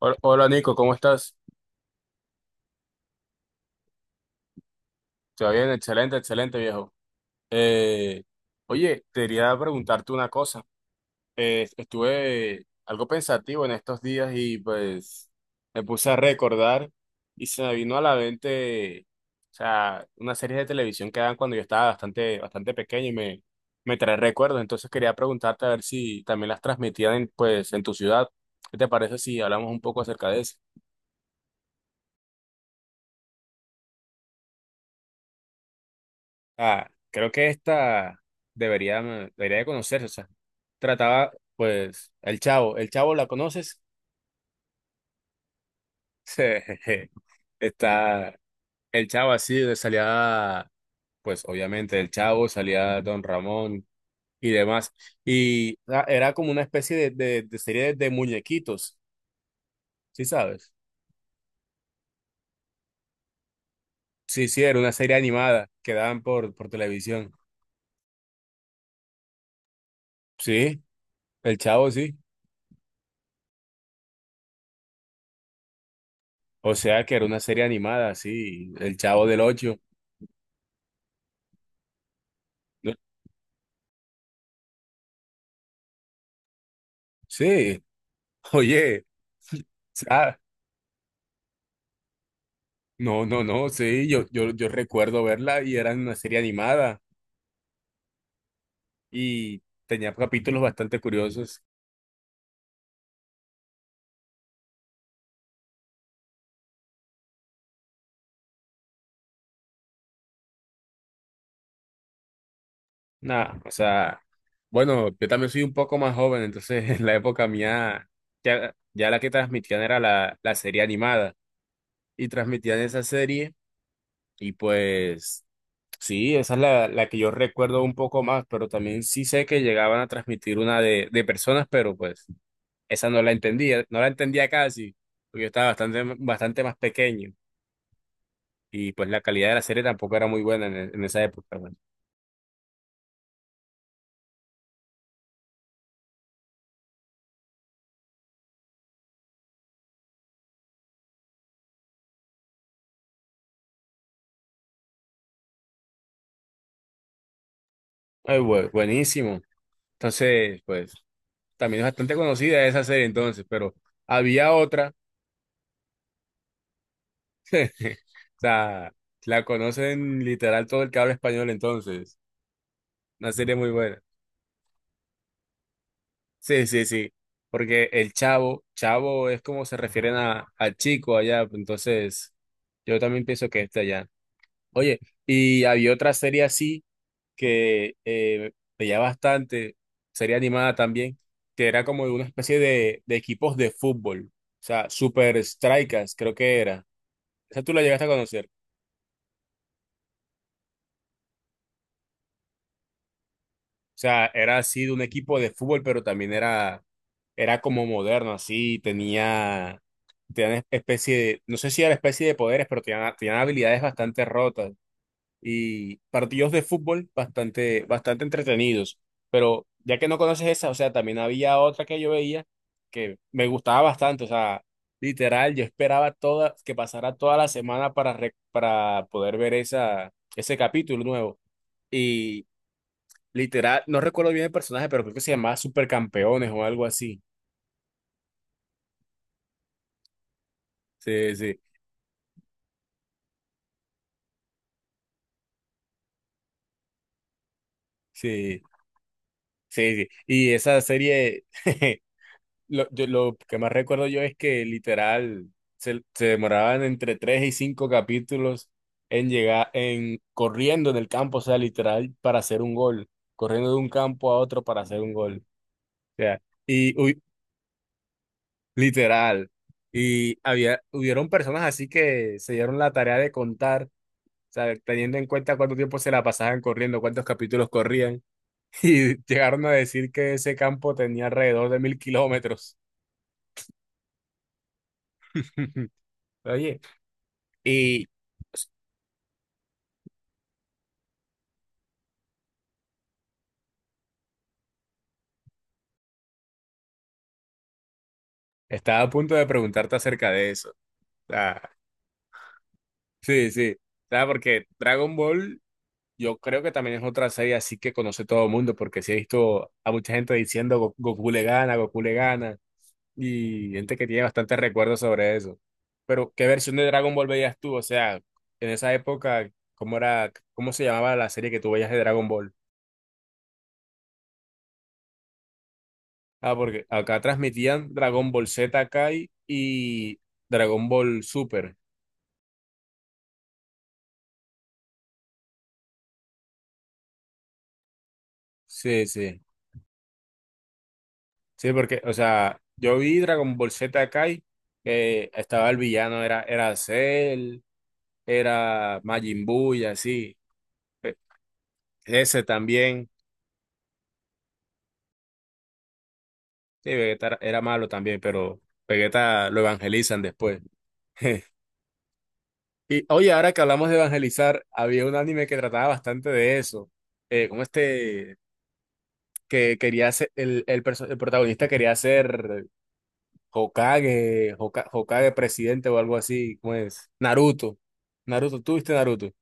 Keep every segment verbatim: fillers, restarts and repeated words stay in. Hol- Hola Nico, ¿cómo estás? ¿Todo bien? Excelente, excelente viejo. Eh, Oye, te quería preguntarte una cosa. Eh, estuve algo pensativo en estos días y pues me puse a recordar y se me vino a la mente, o sea, una serie de televisión que daban cuando yo estaba bastante, bastante pequeño y me, me trae recuerdos. Entonces quería preguntarte a ver si también las transmitían en, pues, en tu ciudad. ¿Qué te parece si hablamos un poco acerca de eso? Ah, creo que esta debería, debería de conocerse. O sea, trataba, pues, el Chavo. ¿El Chavo la conoces? Está el Chavo así, de salía, pues, obviamente, el Chavo, salía Don Ramón y demás. Y ah, era como una especie de, de, de serie de muñequitos, ¿sí sabes? Sí, sí, era una serie animada que daban por, por televisión. Sí, el Chavo, sí. O sea que era una serie animada, sí, el Chavo del Ocho. No- Sí, oye, o sea, no, no, no, sí, yo, yo, yo recuerdo verla y era una serie animada y tenía capítulos bastante curiosos. Nada, o sea, bueno, yo también soy un poco más joven, entonces en la época mía ya, ya la que transmitían era la, la serie animada y transmitían esa serie y pues sí, esa es la, la que yo recuerdo un poco más, pero también sí sé que llegaban a transmitir una de, de personas, pero pues. Esa no la entendía, no la entendía casi, porque yo estaba bastante, bastante más pequeño y pues la calidad de la serie tampoco era muy buena en, e, en esa época. Bueno. Ay, bu- buenísimo. Entonces, pues también es bastante conocida esa serie entonces, pero había otra, o sea, la conocen literal todo el que habla español entonces, una serie muy buena. Sí, sí, sí, porque el chavo, chavo es como se refieren a, a chico allá, pues, entonces yo también pienso que es de allá. Oye, y había otra serie así que eh, veía bastante, serie animada también, que era como de una especie de, de equipos de fútbol, o sea, Super Strikers creo que era. ¿Esa tú la llegaste a conocer? O sea, era así de un equipo de fútbol, pero también era, era como moderno, así, tenía, tenía especie de, no sé si era especie de poderes, pero tenían, tenían habilidades bastante rotas. Y partidos de fútbol bastante, bastante entretenidos. Pero ya que no conoces esa, o sea, también había otra que yo veía que me gustaba bastante, o sea, literal, yo esperaba toda, que pasara toda la semana para, re- para poder ver esa, ese capítulo nuevo. Y literal, no recuerdo bien el personaje, pero creo que se llamaba Supercampeones o algo así. Sí, sí, sí, sí, sí. Y esa serie Lo, yo- lo que más recuerdo yo es que literal se, se demoraban entre tres y cinco capítulos en llegar, en corriendo en el campo, o sea, literal para hacer un gol, corriendo de un campo a otro para hacer un gol, o sea, y uy, literal. Y había, hubieron personas así que se dieron la tarea de contar, o sea, teniendo en cuenta cuánto tiempo se la pasaban corriendo, cuántos capítulos corrían, y llegaron a decir que ese campo tenía alrededor de mil kilómetros. Oye. Y pues, estaba a punto de preguntarte acerca de eso. O sea, sí, sí. O sea, porque Dragon Ball, yo creo que también es otra serie así que conoce todo el mundo, porque sí he visto a mucha gente diciendo "Go- Goku le gana, Goku le gana, y gente que tiene bastantes recuerdos sobre eso. Pero, ¿qué versión de Dragon Ball veías tú? O sea, en esa época, ¿cómo era, cómo se llamaba la serie que tú veías de Dragon Ball? Ah, porque acá transmitían Dragon Ball Z Kai y Dragon Ball Super. Sí, sí. Sí, porque, o sea, yo vi Dragon Ball Z Kai, que estaba el villano, era, era Cell, era Majin Buu y así. Pe- Ese también. Sí, Vegeta era era malo también, pero Vegeta lo evangelizan después. Y oye, ahora que hablamos de evangelizar, había un anime que trataba bastante de eso. Eh, como este, que quería ser, el, el, perso- el protagonista quería ser Hokage, Hoka- Hokage presidente o algo así, como es? Naruto. Naruto, ¿tú viste Naruto?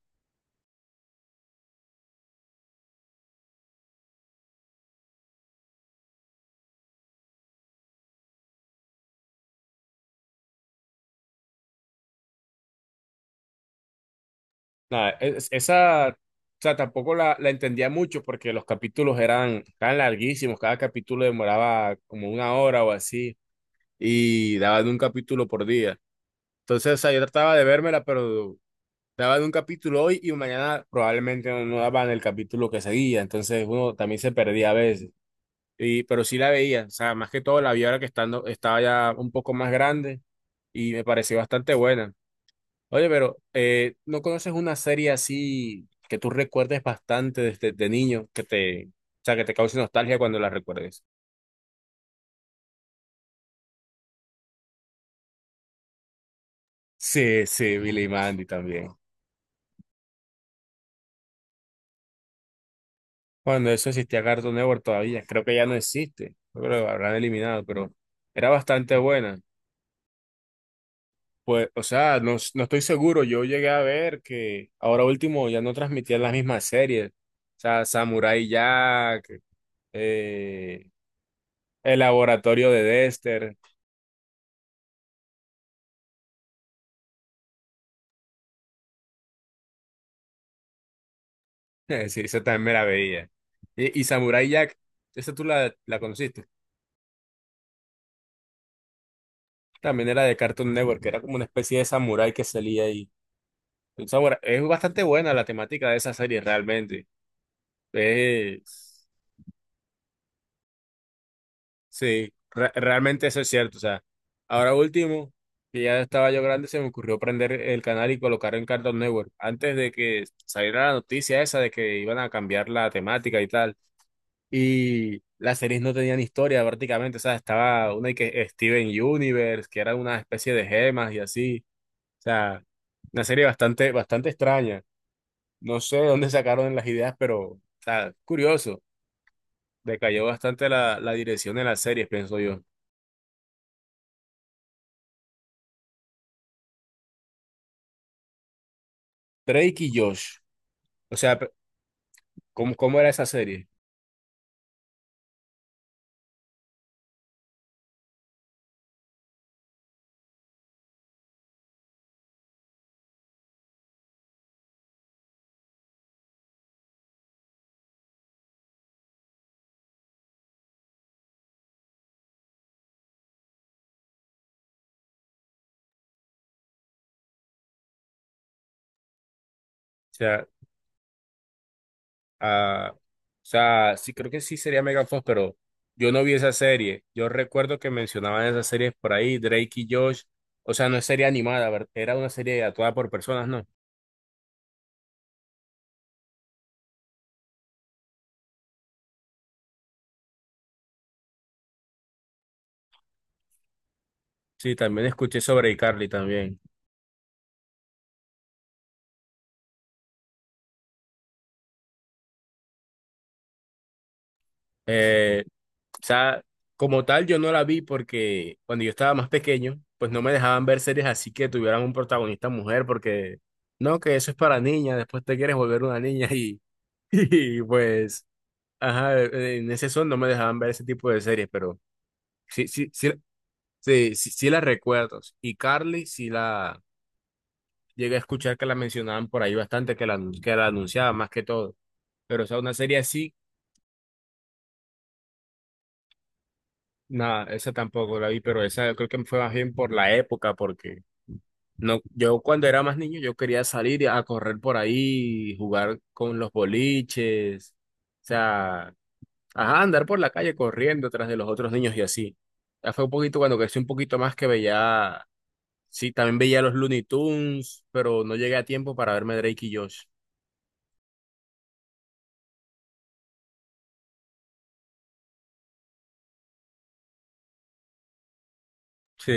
Nada, es- esa, o sea, tampoco la, la entendía mucho porque los capítulos eran tan larguísimos, cada capítulo demoraba como una hora o así y daban un capítulo por día. Entonces, o sea, yo trataba de vérmela, pero daban un capítulo hoy y mañana probablemente no, no daban el capítulo que seguía, entonces uno también se perdía a veces. Y, pero sí la veía, o sea, más que todo la vi ahora que estando, estaba ya un poco más grande y me pareció bastante buena. Oye, pero eh, ¿no conoces una serie así que tú recuerdes bastante desde de niño, que te, o sea, que te cause nostalgia cuando la recuerdes? Sí, sí, Billy y Mandy también. Cuando eso existía Cartoon Network todavía, creo que ya no existe, yo creo que lo habrán eliminado, pero era bastante buena. Pues, o sea, no, no estoy seguro, yo llegué a ver que ahora último ya no transmitían las mismas series, o sea, Samurai Jack, eh, El Laboratorio de Dexter. Sí, esa también me la veía. Y, y Samurai Jack, ¿esa tú la, la conociste? También era de Cartoon Network, que era como una especie de samurái que salía ahí. Un samurái- es bastante buena la temática de esa serie, realmente. Es Sí, re- realmente eso es cierto. O sea, ahora último, que ya estaba yo grande, se me ocurrió prender el canal y colocar en Cartoon Network. Antes de que saliera la noticia esa de que iban a cambiar la temática y tal. Y las series no tenían historia prácticamente, o sea, estaba una que Steven Universe, que era una especie de gemas y así, o sea, una serie bastante, bastante extraña. No sé de dónde sacaron las ideas, pero, o sea, curioso, decayó bastante la, la dirección de las series, pienso yo. Drake y Josh, o sea, pe- ¿cómo, cómo era esa serie? O sea, ah, o sea, sí, creo que sí sería Megan Fox, pero yo no vi esa serie. Yo recuerdo que mencionaban esas series por ahí, Drake y Josh. O sea, no es serie animada, ver- era una serie actuada por personas, ¿no? Sí, también escuché sobre iCarly también. Eh, o sea, como tal, yo no la vi porque cuando yo estaba más pequeño, pues no me dejaban ver series así que tuvieran un protagonista mujer, porque no, que eso es para niñas, después te quieres volver una niña y, y pues. Ajá, eh, en ese son no me dejaban ver ese tipo de series, pero sí, sí, sí, sí, sí, sí la recuerdo. Y Carly sí la llegué a escuchar que la mencionaban por ahí bastante, que la, anun- que la anunciaban más que todo. Pero o sea, una serie así, nada, esa tampoco la vi, pero esa yo creo que fue más bien por la época, porque no, yo cuando era más niño yo quería salir a correr por ahí, jugar con los boliches, o sea, ajá, andar por la calle corriendo tras de los otros niños y así. Ya fue un poquito cuando crecí un poquito más que veía, sí, también veía los Looney Tunes, pero no llegué a tiempo para verme Drake y Josh. Sí.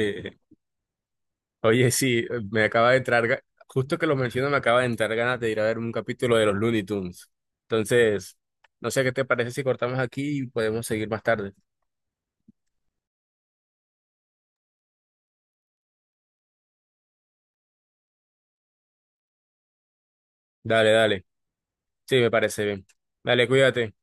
Oye, sí, eh, me acaba de entrar, ga- justo que lo menciono, me acaba de entrar ganas de ir a ver un capítulo de los Looney Tunes. Entonces, no sé qué te parece si cortamos aquí y podemos seguir más tarde. Dale, dale. Sí, me parece bien. Dale, cuídate.